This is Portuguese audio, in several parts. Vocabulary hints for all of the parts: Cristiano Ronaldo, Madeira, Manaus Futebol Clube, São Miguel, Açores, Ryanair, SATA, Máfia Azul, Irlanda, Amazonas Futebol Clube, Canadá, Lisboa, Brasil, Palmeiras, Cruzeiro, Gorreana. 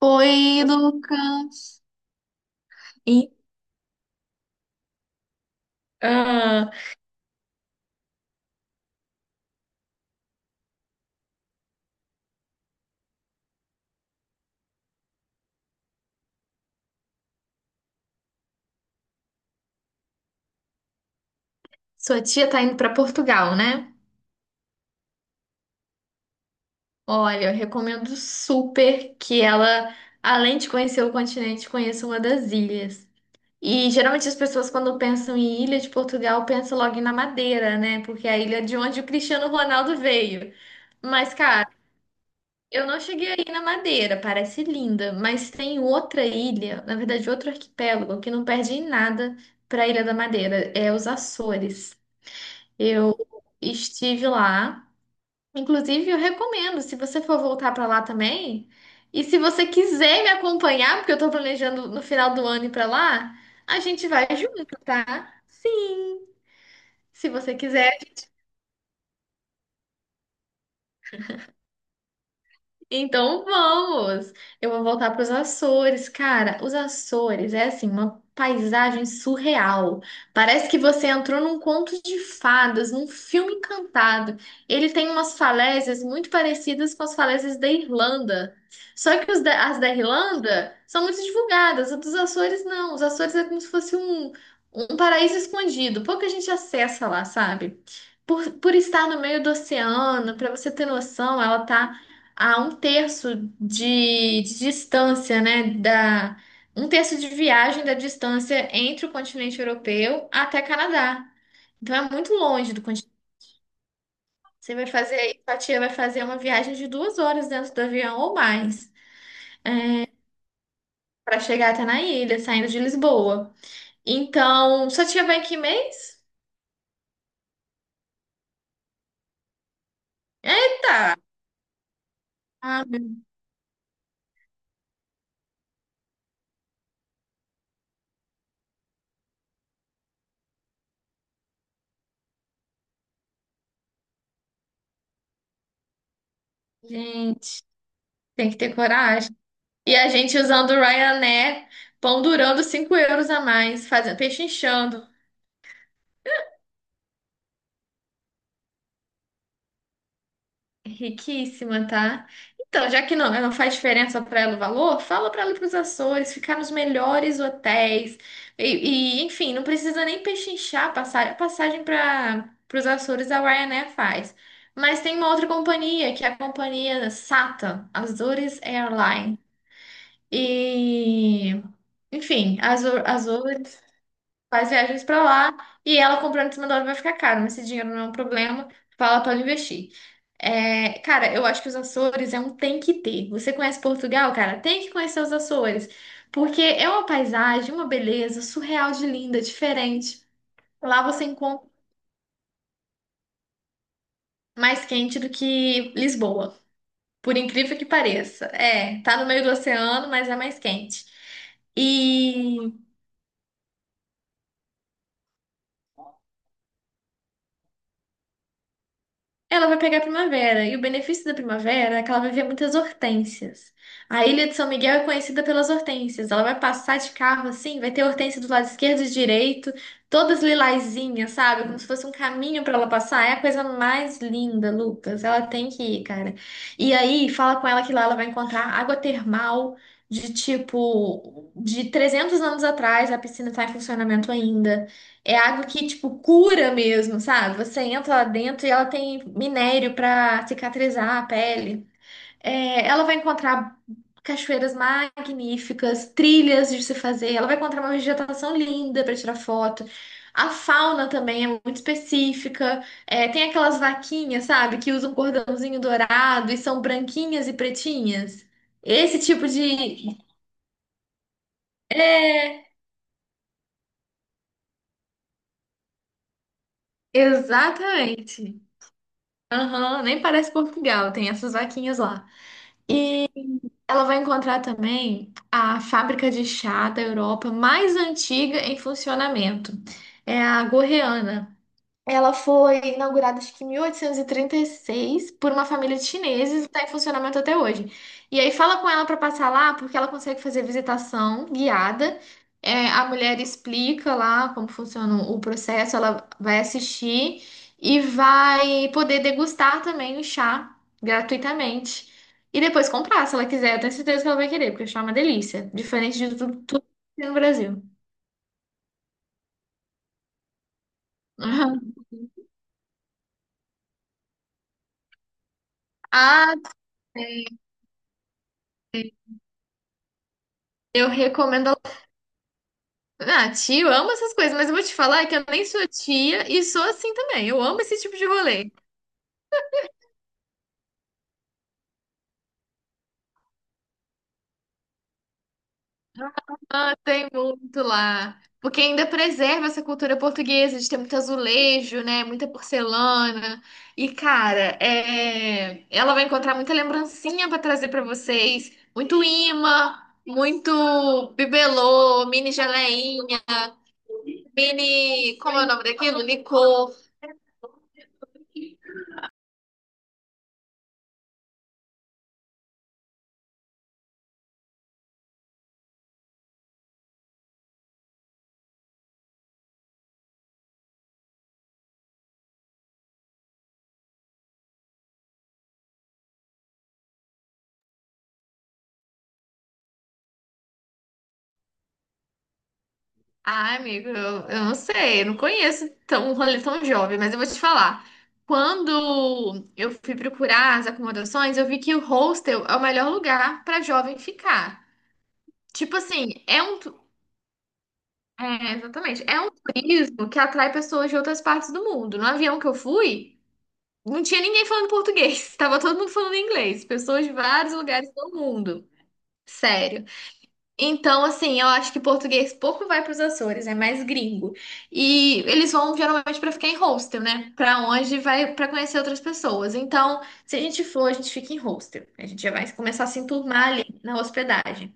Oi, Lucas. E, ah, Sua tia tá indo para Portugal, né? Olha, eu recomendo super que ela, além de conhecer o continente, conheça uma das ilhas. E geralmente as pessoas, quando pensam em Ilha de Portugal, pensam logo na Madeira, né? Porque é a ilha de onde o Cristiano Ronaldo veio. Mas, cara, eu não cheguei aí na Madeira, parece linda, mas tem outra ilha, na verdade, outro arquipélago que não perde em nada para a Ilha da Madeira, é os Açores. Eu estive lá. Inclusive, eu recomendo, se você for voltar para lá também, e se você quiser me acompanhar, porque eu tô planejando no final do ano ir para lá, a gente vai junto, tá? Sim, se você quiser. Então vamos! Eu vou voltar para os Açores. Cara, os Açores é assim, uma paisagem surreal. Parece que você entrou num conto de fadas, num filme encantado. Ele tem umas falésias muito parecidas com as falésias da Irlanda. Só que as da Irlanda são muito divulgadas, as dos Açores não. Os Açores é como se fosse um paraíso escondido. Pouca gente acessa lá, sabe? Por estar no meio do oceano, para você ter noção, ela tá a um terço de distância, né, da um terço de viagem da distância entre o continente europeu até Canadá. Então é muito longe do continente. Você vai fazer aí, sua tia vai fazer uma viagem de 2 horas dentro do avião ou mais para chegar até na ilha, saindo de Lisboa. Então, sua tia vai em que mês? É, ah, meu gente, tem que ter coragem. E a gente usando o Ryanair, pão durando 5 euros a mais, fazendo, pechinchando. Riquíssima, tá? Então, já que não faz diferença para ela o valor, fala para ela ir para os Açores, ficar nos melhores hotéis. Enfim, não precisa nem pechinchar a passagem para os Açores a Ryanair faz. Mas tem uma outra companhia, que é a companhia SATA, Azores Airline. E, enfim, Azores faz viagens pra lá e ela comprando em cima da hora vai ficar caro, mas esse dinheiro não é um problema, fala para investir. É, cara, eu acho que os Açores é um tem que ter. Você conhece Portugal, cara? Tem que conhecer os Açores, porque é uma paisagem, uma beleza surreal de linda, diferente. Lá você encontra mais quente do que Lisboa, por incrível que pareça. É, tá no meio do oceano, mas é mais quente. E ela vai pegar a primavera, e o benefício da primavera é que ela vai ver muitas hortênsias. A Ilha de São Miguel é conhecida pelas hortênsias. Ela vai passar de carro assim, vai ter hortênsia do lado esquerdo e direito, todas lilazinhas, sabe? Como se fosse um caminho para ela passar. É a coisa mais linda, Lucas. Ela tem que ir, cara. E aí, fala com ela que lá ela vai encontrar água termal de tipo de 300 anos atrás, a piscina está em funcionamento ainda. É água que, tipo, cura mesmo, sabe? Você entra lá dentro e ela tem minério pra cicatrizar a pele. É, ela vai encontrar cachoeiras magníficas, trilhas de se fazer. Ela vai encontrar uma vegetação linda para tirar foto. A fauna também é muito específica. É, tem aquelas vaquinhas, sabe? Que usam cordãozinho dourado e são branquinhas e pretinhas. Esse tipo de. É, exatamente. Aham, nem parece Portugal, tem essas vaquinhas lá. Ela vai encontrar também a fábrica de chá da Europa mais antiga em funcionamento. É a Gorreana, ela foi inaugurada, acho que em 1836, por uma família de chineses e está em funcionamento até hoje. E aí fala com ela para passar lá, porque ela consegue fazer visitação guiada. É, a mulher explica lá como funciona o processo, ela vai assistir e vai poder degustar também o chá gratuitamente. E depois comprar, se ela quiser. Eu tenho certeza que ela vai querer, porque o chá é uma delícia. Diferente de tudo, tudo que tem no Brasil. Ah, eu recomendo. Ah, tio, eu amo essas coisas, mas eu vou te falar que eu nem sou tia e sou assim também. Eu amo esse tipo de rolê. Ah, tem muito lá. Porque ainda preserva essa cultura portuguesa de ter muito azulejo, né? Muita porcelana. E, cara, é... ela vai encontrar muita lembrancinha pra trazer pra vocês. Muito imã, muito bibelô, mini geleinha, mini. Como é o nome daquilo? Licor. Ah, amigo, eu não sei, eu não conheço tão, um rolê tão jovem, mas eu vou te falar. Quando eu fui procurar as acomodações, eu vi que o hostel é o melhor lugar para jovem ficar. Tipo assim, é um. É, exatamente. É um turismo que atrai pessoas de outras partes do mundo. No avião que eu fui, não tinha ninguém falando português, tava todo mundo falando inglês, pessoas de vários lugares do mundo. Sério. Então, assim, eu acho que português pouco vai para os Açores, é mais gringo. E eles vão geralmente para ficar em hostel, né? Para onde vai para conhecer outras pessoas. Então, se a gente for, a gente fica em hostel. A gente já vai começar a se enturmar ali na hospedagem.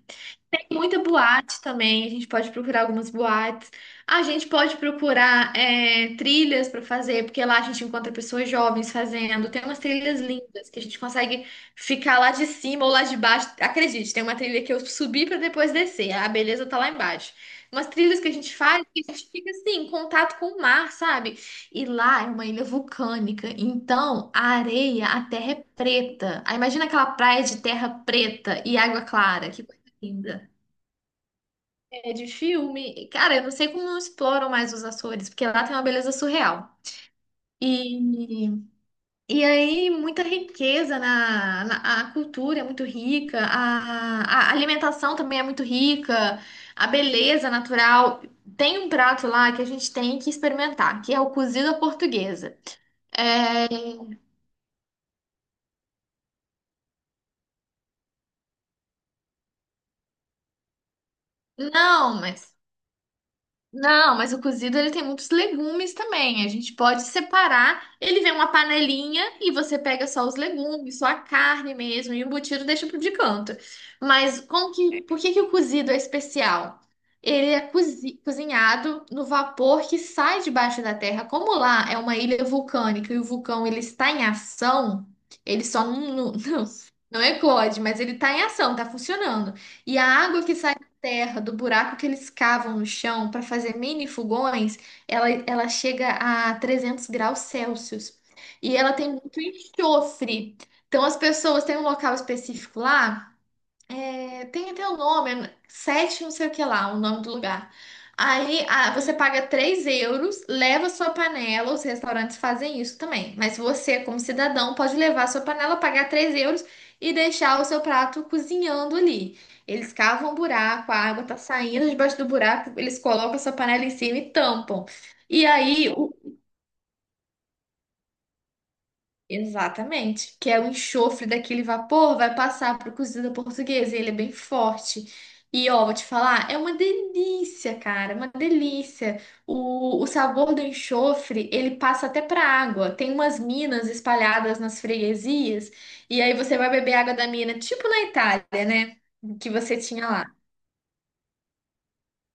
Tem muita boate também, a gente pode procurar algumas boates. A gente pode procurar é, trilhas para fazer, porque lá a gente encontra pessoas jovens fazendo. Tem umas trilhas lindas que a gente consegue ficar lá de cima ou lá de baixo. Acredite, tem uma trilha que eu subi para depois descer. A beleza tá lá embaixo. Umas trilhas que a gente faz que a gente fica assim, em contato com o mar, sabe? E lá é uma ilha vulcânica, então a areia, a terra é preta. Aí imagina aquela praia de terra preta e água clara, que coisa linda. É de filme. Cara, eu não sei como não exploram mais os Açores, porque lá tem uma beleza surreal. E, aí, muita riqueza a cultura é muito rica, a alimentação também é muito rica, a beleza natural. Tem um prato lá que a gente tem que experimentar, que é o cozido à portuguesa. É, não, mas. Não, mas o cozido ele tem muitos legumes também. A gente pode separar. Ele vem uma panelinha e você pega só os legumes, só a carne mesmo, e o embutido deixa pro de canto. Mas como que, por que que o cozido é especial? Ele é cozinhado no vapor que sai debaixo da terra. Como lá é uma ilha vulcânica e o vulcão ele está em ação, ele só não, não não eclode, mas ele está em ação, está funcionando. E a água que sai terra, do buraco que eles cavam no chão para fazer mini fogões, ela chega a 300 graus Celsius. E ela tem muito enxofre. Então, as pessoas têm um local específico lá, é, tem até o nome, é sete não sei o que lá, o nome do lugar. Você paga 3 euros, leva sua panela, os restaurantes fazem isso também. Mas você, como cidadão, pode levar sua panela, pagar 3 euros e deixar o seu prato cozinhando ali. Eles cavam um buraco, a água tá saindo debaixo do buraco, eles colocam a sua panela em cima e tampam. E aí, o Exatamente, que é o enxofre daquele vapor, vai passar para o cozido portuguesa, e ele é bem forte. E ó, vou te falar, é uma delícia, cara, é uma delícia. O sabor do enxofre, ele passa até para água. Tem umas minas espalhadas nas freguesias, e aí você vai beber água da mina, tipo na Itália, né? Que você tinha lá.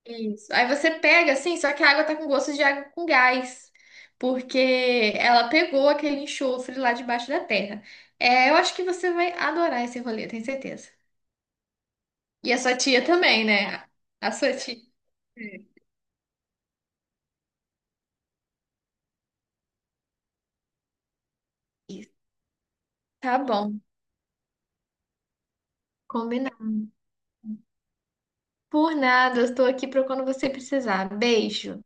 Isso. Aí você pega assim, só que a água tá com gosto de água com gás, porque ela pegou aquele enxofre lá debaixo da terra. É, eu acho que você vai adorar esse rolê, tenho certeza. E a sua tia também, né? A sua tia. É. Isso. Tá bom, combinado. Por nada, eu estou aqui para quando você precisar. Beijo.